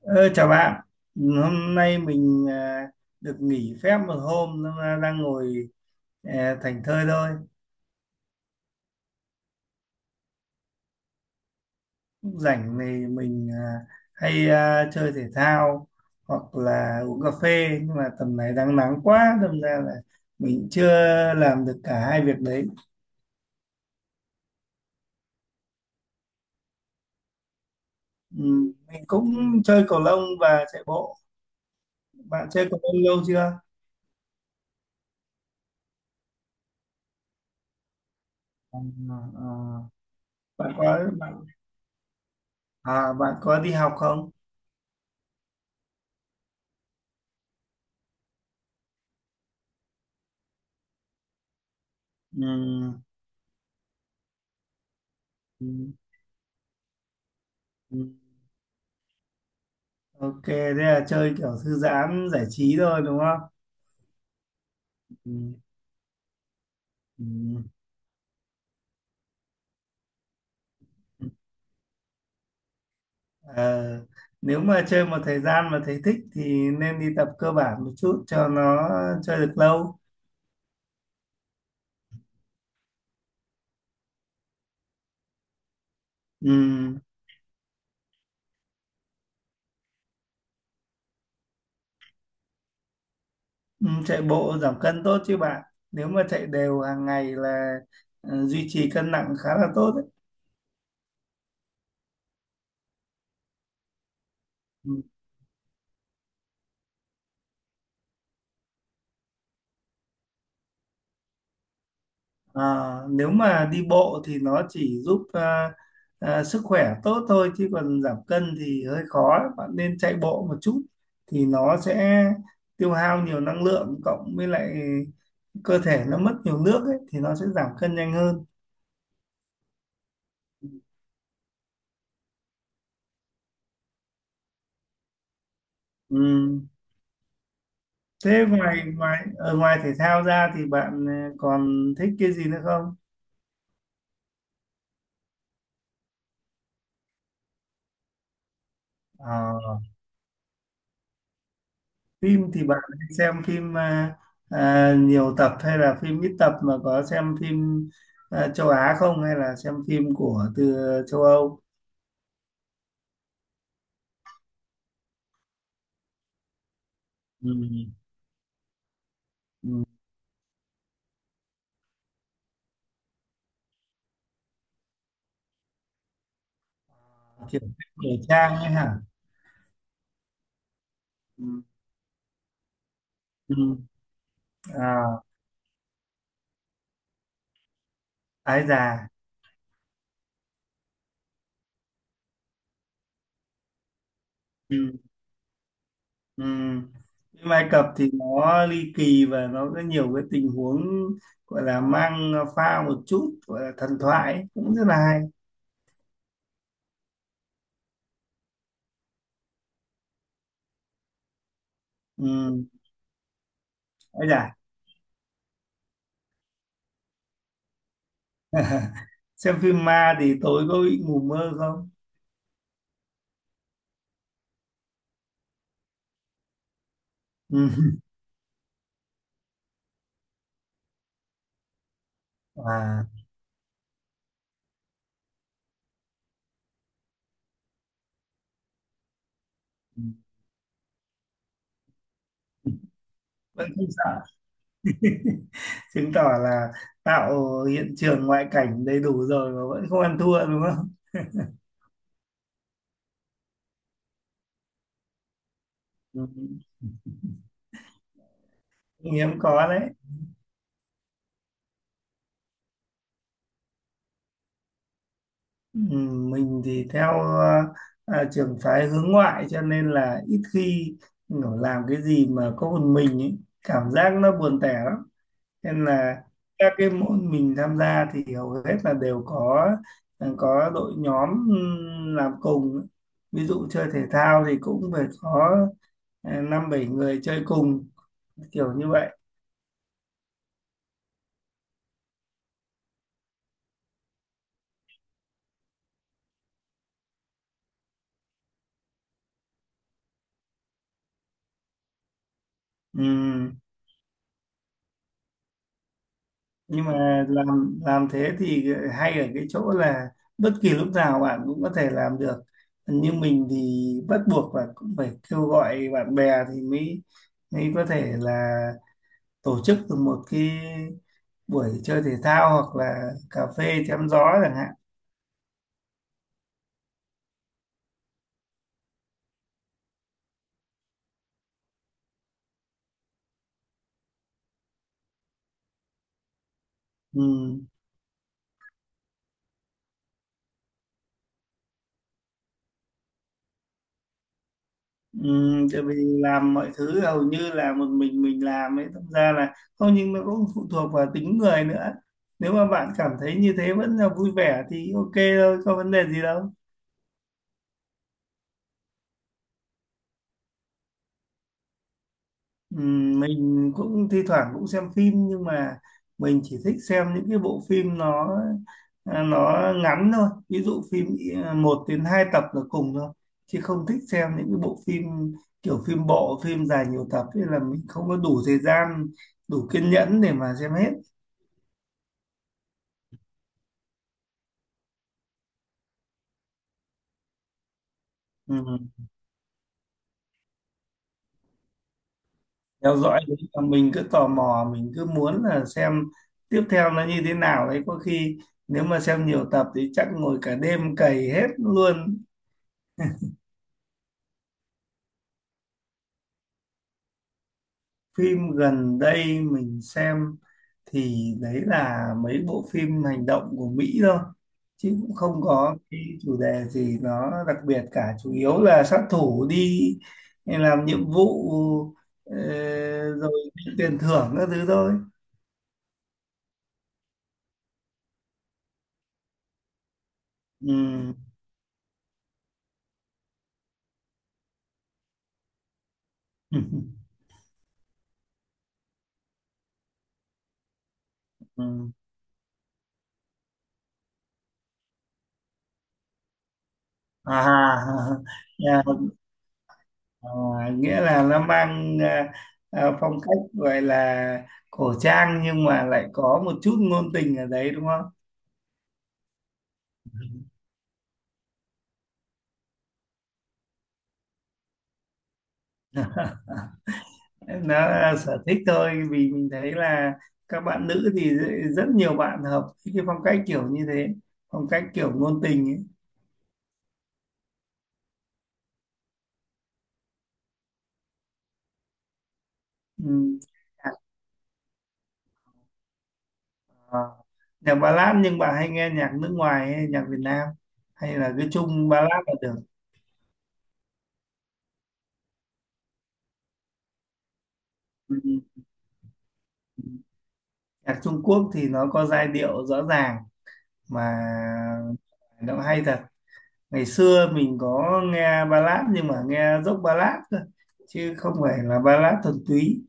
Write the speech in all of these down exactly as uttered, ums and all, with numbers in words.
Ờ, chào bạn, hôm nay mình à, được nghỉ phép một hôm nên là đang ngồi à, thảnh thơi thôi. Lúc rảnh thì mình à, hay à, chơi thể thao hoặc là uống cà phê, nhưng mà tầm này đang nắng quá đâm ra là mình chưa làm được cả hai việc đấy. Ừ, mình cũng chơi cầu lông và chạy bộ. Bạn chơi cầu lông lâu chưa? Ờ, ờ. bạn có bạn à, bạn có đi học không? Ừ. Ừ, ừ. Ok, thế là chơi kiểu thư giãn giải trí thôi đúng không? Ừ. Ừ. Ờ, nếu mà chơi một thời gian mà thấy thích thì nên đi tập cơ bản một chút cho nó chơi được lâu. Ừ. Ừ, chạy bộ giảm cân tốt chứ bạn. Nếu mà chạy đều hàng ngày là ờ, duy trì cân nặng khá là tốt đấy. Ừ. À, nếu mà đi bộ thì nó chỉ giúp à, à, sức khỏe tốt thôi, chứ còn giảm cân thì hơi khó, bạn nên chạy bộ một chút thì nó sẽ tiêu hao nhiều năng lượng, cộng với lại cơ thể nó mất nhiều nước ấy, thì nó sẽ giảm cân nhanh hơn. Ừ. Thế ngoài ngoài ở ngoài thể thao ra thì bạn à, còn thích cái gì nữa không? À, phim thì bạn hay xem phim à, à, nhiều tập, hay là phim ít tập, mà có xem phim à, châu Á không, hay là xem phim của từ châu Âu? Ừ. Ừ. Kiểu phim cổ trang ấy hả? Ừ. Ừ. À, ái già. Ừ. Ừ. Phim Ai Cập thì nó ly kỳ và nó có nhiều cái tình huống, gọi là mang pha một chút gọi là thần thoại ấy, cũng rất là hay. Ừ. Ái già. Xem phim ma thì tối có bị ngủ mơ không? Ừ. Và vẫn không sợ. Chứng tỏ là tạo hiện trường ngoại cảnh đầy đủ rồi mà vẫn không ăn thua đúng không. Ừ. Hiếm có đấy. Ừ. Mình thì theo uh, trường phái hướng ngoại, cho nên là ít khi kiểu làm cái gì mà có một mình ấy. Cảm giác nó buồn tẻ lắm, nên là các cái môn mình tham gia thì hầu hết là đều có ờ, có đội nhóm ừm, làm cùng, ví dụ chơi thể thao thì cũng phải có Ờ, năm bảy người chơi cùng, kiểu như vậy. Ừm, nhưng mà làm làm thế thì hay ở cái chỗ là bất kỳ lúc nào bạn cũng có thể làm được, như mình thì bắt buộc là cũng phải kêu gọi bạn bè thì mới mới có thể là tổ chức được một cái buổi chơi thể thao hoặc là cà phê chém gió chẳng hạn. Ừm. Ừ, tại vì làm mọi thứ hầu như là một mình mình làm ấy, thực ra là không, nhưng nó cũng phụ thuộc vào tính người nữa, nếu mà bạn cảm thấy như thế vẫn là vui vẻ thì ok thôi, có vấn đề gì đâu. Ừ, mình cũng thi thoảng cũng xem phim, nhưng mà mình chỉ thích xem những cái bộ phim nó à, nó ngắn thôi, ví dụ phim à, một đến hai tập là cùng thôi, chứ không thích xem những cái bộ phim kiểu phim bộ, phim dài nhiều tập ấy, là mình không có đủ thời gian, đủ kiên nhẫn để mà xem hết. Ừ. Theo dõi đấy là mình cứ tò mò, mình cứ muốn là xem tiếp theo nó như thế nào đấy, có khi nếu mà xem nhiều tập thì chắc ngồi cả đêm cày hết luôn. Phim gần đây mình xem thì đấy là mấy bộ phim hành động của Mỹ thôi, chứ cũng không có cái chủ đề gì nó đặc biệt cả, chủ yếu là sát thủ đi làm nhiệm vụ ờ, rồi tiền thưởng các thứ thôi. Ừ. Ừ. À, nhà- à, nghĩa là nó mang à, à, phong cách gọi là cổ trang, nhưng mà lại có một chút ngôn tình ở đấy đúng không? Nó là sở thích thôi, vì mình thấy là các bạn nữ thì rất rất nhiều bạn hợp với cái phong cách kiểu như thế, phong cách kiểu ngôn tình ấy. Ừ. À, nhạc ballad, nhưng bà hay nghe nhạc nước ngoài hay nhạc Việt Nam, hay là cứ chung ballad là được? Ừ. Nhạc Trung Quốc thì nó có giai điệu rõ ràng mà nó hay thật. Ngày xưa mình có nghe ballad, nhưng mà nghe dốc ballad cơ, chứ không phải là ballad thuần túy.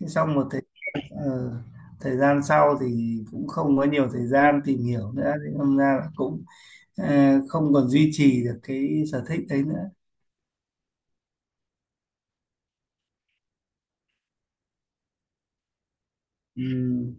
Thế xong một thời, ờ, thời gian sau thì cũng không có nhiều thời gian tìm hiểu nữa, thì tham ra là cũng ờ, không còn duy trì được cái sở thích đấy nữa. Ừm,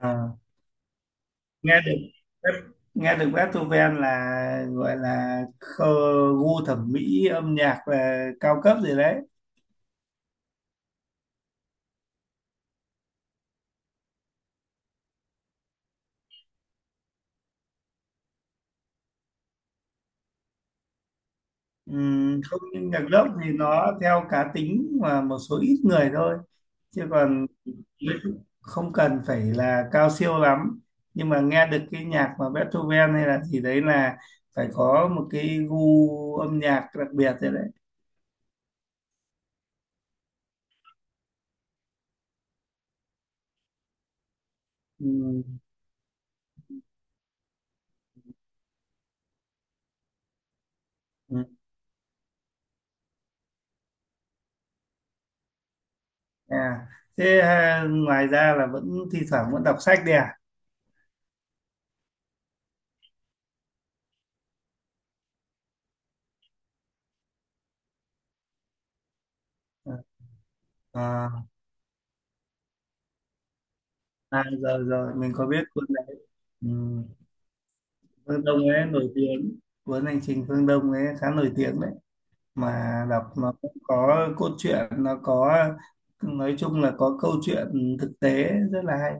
à, nghe được nghe được Beethoven là gọi là khơ, gu thẩm mỹ âm nhạc là cao cấp rồi đấy. Ừm, không, nhưng nhạc gốc thì nó theo cá tính và một số ít người thôi, chứ còn không cần phải là cao siêu lắm, nhưng mà nghe được cái nhạc mà Beethoven hay là gì đấy là phải có một cái gu âm nhạc đặc biệt thế đấy. Ừm, ừm, à. thế à, ngoài ra là vẫn thi thoảng vẫn đọc sách đấy à? À, à rồi rồi mình có biết cuốn đấy. Ừm, Phương Đông ấy nổi tiếng, cuốn Hành trình Phương Đông ấy khá nổi tiếng đấy, mà đọc nó cũng có cốt truyện, nó có, nói chung là có câu chuyện thực tế, rất là hay.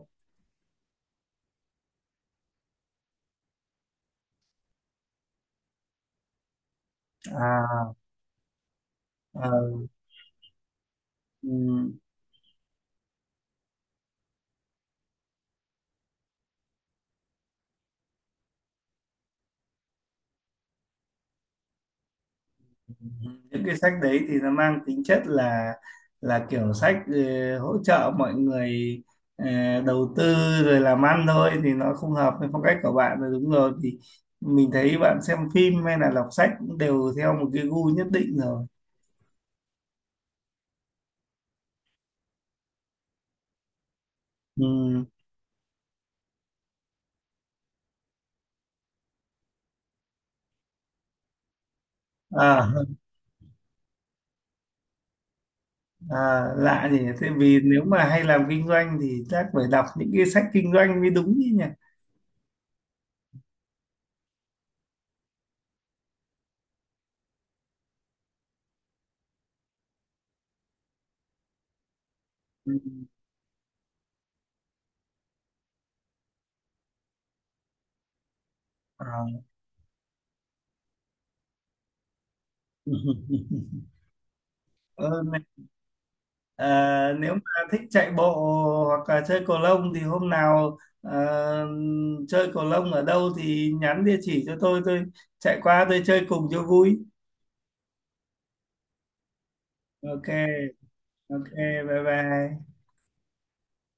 à, ờ, ừm, những cái sách đấy thì nó mang tính chất là là kiểu sách ờ, hỗ trợ mọi người ờ, đầu tư rồi làm ăn thôi, thì nó không hợp với phong cách của bạn rồi, đúng rồi, thì mình thấy bạn xem phim hay là đọc sách cũng đều theo một cái gu nhất định rồi. Ừ. À, À, lạ gì nhỉ, thế vì nếu mà hay làm kinh doanh thì chắc phải đọc những cái sách kinh doanh mới đúng chứ nhỉ. Ừ. À. Ờ, Này, à, nếu mà thích chạy bộ hoặc là chơi cầu lông thì hôm nào ờ, chơi cầu lông ở đâu thì nhắn địa chỉ cho tôi, tôi chạy qua tôi chơi cùng cho vui. Ok, ok, bye bye.